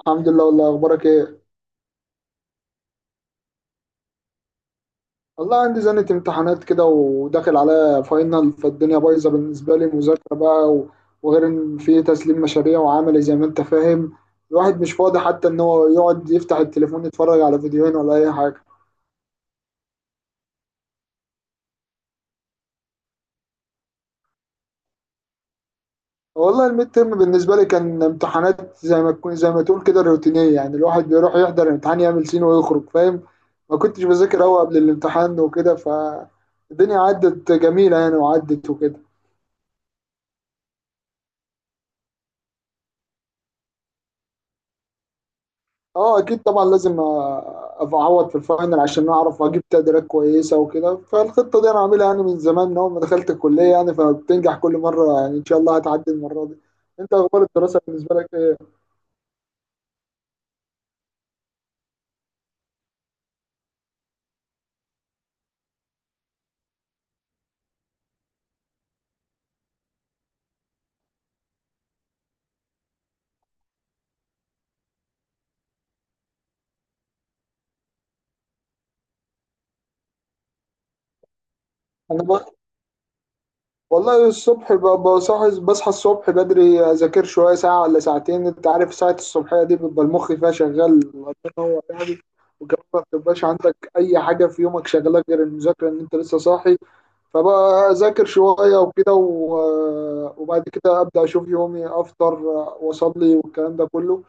الحمد لله. والله، اخبارك ايه؟ والله عندي زنة امتحانات كده وداخل على فاينل، فالدنيا بايظه بالنسبه لي مذاكره بقى، وغير ان في تسليم مشاريع وعملي زي ما انت فاهم. الواحد مش فاضي حتى ان هو يقعد يفتح التليفون يتفرج على فيديوهين ولا اي حاجه. والله الميد ترم بالنسبه لي كان امتحانات، زي ما تقول كده روتينيه، يعني الواحد بيروح يحضر الامتحان يعمل سين ويخرج فاهم. ما كنتش بذاكر قوي قبل الامتحان وكده، فالدنيا عدت جميله يعني، وعدت وكده. اه اكيد طبعا لازم، ابقى اعوض في الفاينل عشان اعرف اجيب تقديرات كويسه وكده. فالخطه دي انا عاملها يعني من زمان، من اول ما دخلت الكليه، يعني فبتنجح كل مره، يعني ان شاء الله هتعدي المره دي. انت اخبار الدراسه بالنسبه لك ايه؟ انا بقى والله الصبح، بصحى الصبح بدري، اذاكر شويه ساعه ولا ساعتين. انت عارف ساعه الصبحيه دي بيبقى المخ فيها شغال، الله ينور يعني. وكمان ما بتبقاش عندك اي حاجه في يومك شغاله غير المذاكره، ان انت لسه صاحي. فبذاكر شوية وكده وبعد كده أبدأ أشوف يومي، أفطر وأصلي والكلام ده كله.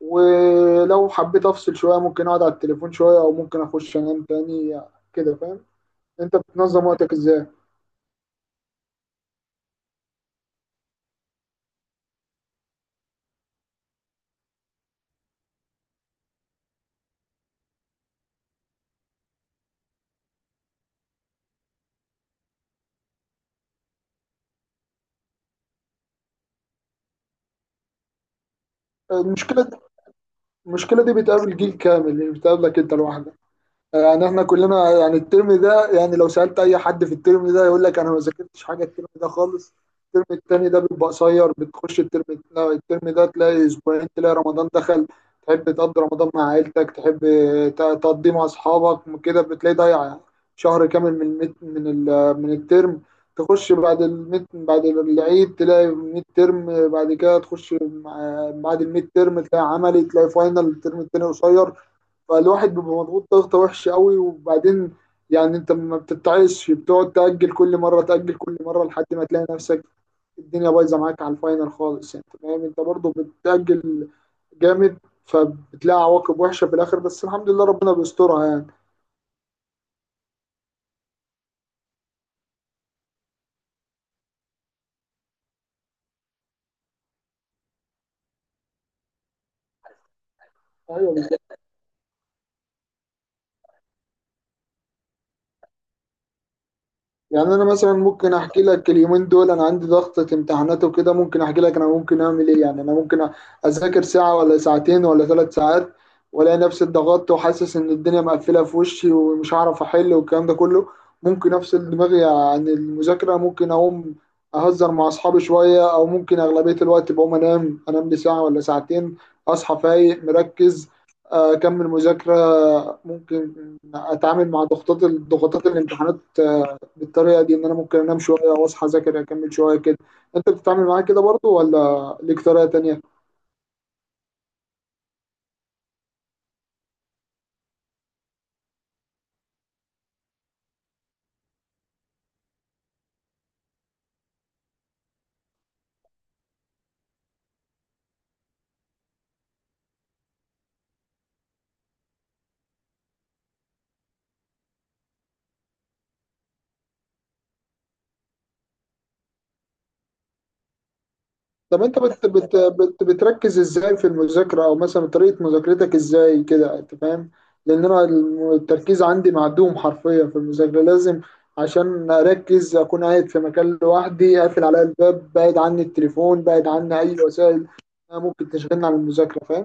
ولو حبيت أفصل شوية، ممكن أقعد على التليفون شوية أو ممكن أخش أنام تاني، كده فاهم. أنت بتنظم وقتك إزاي؟ المشكلة المشكلة دي بتقابل جيل كامل، مش بتقابلك أنت لوحدك. يعني احنا كلنا، يعني الترم ده، يعني لو سألت اي حد في الترم ده يقول لك انا ما ذاكرتش حاجه الترم ده خالص. الترم التاني ده بيبقى قصير، بتخش الترم، لا، الترم ده تلاقي اسبوعين تلاقي رمضان دخل. تحب تقضي رمضان مع عيلتك، تحب تقضيه مع اصحابك، كده بتلاقي ضايع شهر كامل من الترم. تخش بعد العيد تلاقي ميد ترم، بعد كده تخش بعد الميد ترم تلاقي عملي، تلاقي فاينل، الترم التاني قصير. فالواحد بيبقى مضغوط ضغطة وحشة قوي. وبعدين يعني انت ما بتتعايش، بتقعد تأجل كل مرة، تأجل كل مرة، لحد ما تلاقي نفسك الدنيا بايظة معاك على الفاينل خالص، يعني، انت فاهم، انت برضه بتأجل جامد. فبتلاقي عواقب وحشة في الآخر، بس الحمد لله ربنا بيسترها يعني. ايوه. يعني انا مثلا ممكن احكي لك، اليومين دول انا عندي ضغطة امتحانات وكده، ممكن احكي لك انا ممكن اعمل ايه. يعني انا ممكن اذاكر ساعة ولا ساعتين ولا 3 ساعات، والاقي نفسي اتضغطت وحاسس ان الدنيا مقفلة في وشي ومش هعرف احل والكلام ده كله. ممكن افصل دماغي عن المذاكرة، ممكن اقوم اهزر مع اصحابي شوية، او ممكن، اغلبية الوقت، بقوم انام لي ساعة ولا ساعتين، اصحى فايق مركز، اكمل مذاكرة. ممكن اتعامل مع ضغوطات الامتحانات بالطريقه دي، ان انا ممكن انام شويه واصحى اذاكر اكمل شويه كده. انت بتتعامل معاه كده برضو ولا ليك طريقه تانية؟ طب انت بت بت بت بتركز ازاي في المذاكره، او مثلا طريقه مذاكرتك ازاي كده انت فاهم؟ لان انا التركيز عندي معدوم حرفيا في المذاكره. لازم عشان اركز اكون قاعد في مكان لوحدي، قافل عليا الباب، بعيد عني التليفون، بعيد عني اي وسائل ممكن تشغلني عن المذاكره، فاهم.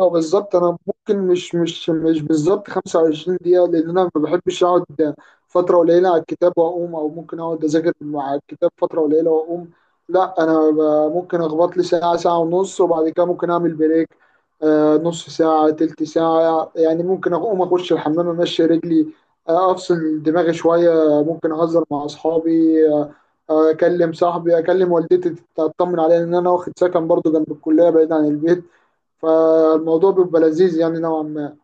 هو بالظبط انا ممكن مش بالظبط 25 دقيقه، لان انا ما بحبش اقعد فتره قليله على الكتاب واقوم، او ممكن اقعد اذاكر مع الكتاب فتره قليله واقوم. لا انا ممكن اخبط لي ساعه، ساعه ونص، وبعد كده ممكن اعمل بريك، نص ساعه، تلت ساعه، يعني ممكن اقوم اخش الحمام، امشي رجلي، افصل دماغي شويه، ممكن اهزر مع اصحابي. اكلم صاحبي، اكلم والدتي تطمن عليا، ان انا واخد سكن برضو جنب الكليه بعيد عن البيت، فالموضوع بيبقى لذيذ يعني نوعا ما.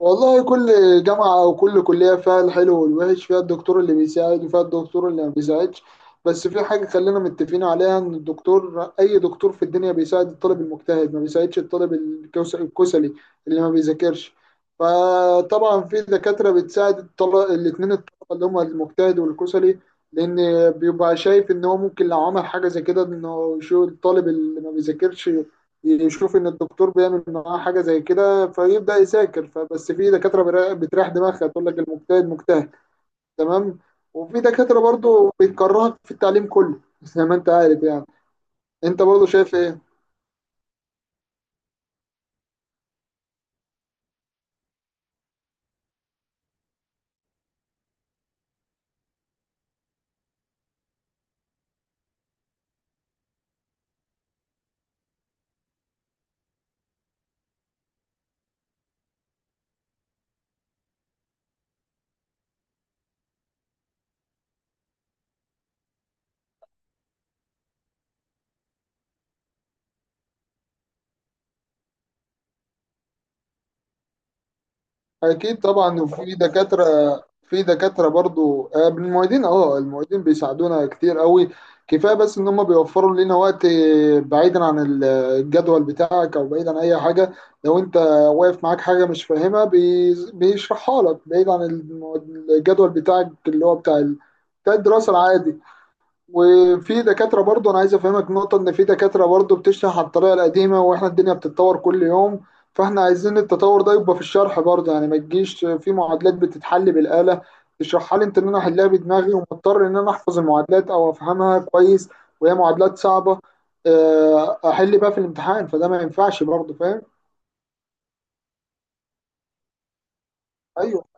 والله كل جامعة أو كل كلية فيها الحلو والوحش، فيها الدكتور اللي بيساعد وفيها الدكتور اللي ما بيساعدش. بس في حاجة خلينا متفقين عليها، إن الدكتور، أي دكتور في الدنيا، بيساعد الطالب المجتهد، ما بيساعدش الطالب الكسلي اللي ما بيذاكرش. فطبعا في دكاترة بتساعد الطلبة الاتنين، الطلبة اللي هما المجتهد والكسلي، لأن بيبقى شايف إن هو ممكن لو عمل حاجة زي كده، إنه شو الطالب اللي ما بيذاكرش يشوف إن الدكتور بيعمل معاه حاجة زي كده فيبدا يذاكر. فبس في دكاتره بتريح دماغها تقول لك المجتهد مجتهد، تمام. وفي دكاتره برضو بتكرهك في التعليم كله زي ما انت عارف يعني. انت برضو شايف ايه؟ اكيد طبعا. وفي دكاتره، في دكاتره برضو، المعيدين، المعيدين بيساعدونا كتير قوي. كفايه بس ان هم بيوفروا لنا وقت، بعيدا عن الجدول بتاعك، او بعيد عن اي حاجه، لو انت واقف معاك حاجه مش فاهمها بيشرحها لك، بعيد عن الجدول بتاعك اللي هو بتاع الدراسه العادي. وفي دكاترة برضه أنا عايز أفهمك نقطة، إن في دكاترة برضه بتشرح عن الطريقة القديمة، وإحنا الدنيا بتتطور كل يوم، فإحنا عايزين التطور ده يبقى في الشرح برضه. يعني ما تجيش في معادلات بتتحل بالآلة تشرحها لي أنت إن أنا أحلها بدماغي، ومضطر إن أنا أحفظ المعادلات أو أفهمها كويس، وهي معادلات صعبة، أحل بقى في الامتحان، فده ما ينفعش برضه، فاهم؟ أيوه.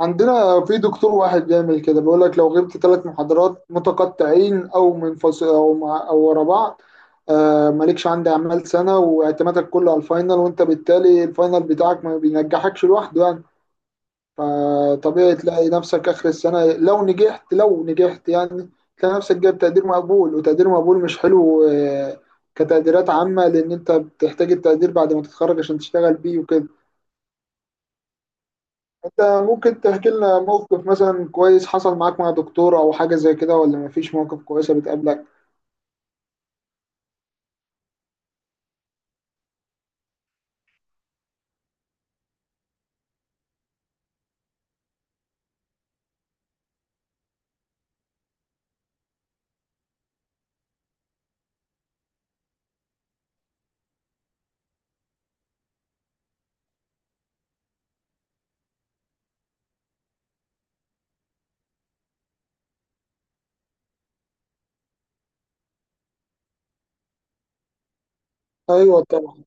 عندنا في دكتور واحد بيعمل كده، بيقول لك لو غبت 3 محاضرات متقطعين او منفصل او مع او ورا بعض، آه، مالكش عندي اعمال سنه، واعتمادك كله على الفاينل، وانت بالتالي الفاينل بتاعك ما بينجحكش لوحده يعني. فطبيعي تلاقي نفسك اخر السنه، لو نجحت، لو نجحت يعني، تلاقي نفسك جايب تقدير مقبول، وتقدير مقبول مش حلو. كتقديرات عامه، لان انت بتحتاج التقدير بعد ما تتخرج عشان تشتغل بيه وكده. انت ممكن تحكي لنا موقف مثلا كويس حصل معاك مع دكتور او حاجه زي كده، ولا مفيش مواقف كويسه بتقابلك؟ ايوه طبعا.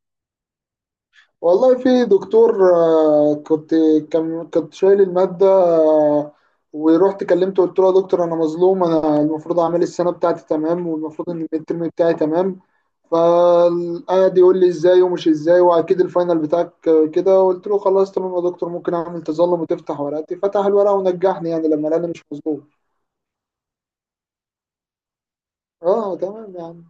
والله في دكتور، كنت، كنت شايل الماده، ورحت كلمته، قلت له يا دكتور انا مظلوم، انا المفروض اعمل السنه بتاعتي تمام، والمفروض ان الترم بتاعي تمام. فقعد يقول لي ازاي ومش ازاي واكيد الفاينل بتاعك، كده. قلت له خلاص تمام يا دكتور، ممكن اعمل تظلم وتفتح ورقتي. فتح الورقه ونجحني، يعني لما انا مش مظلوم. اه تمام يعني.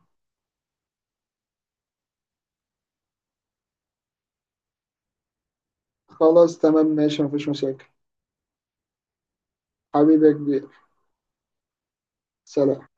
خلاص تمام ماشي مفيش مشاكل. حبيبي يا كبير. سلام.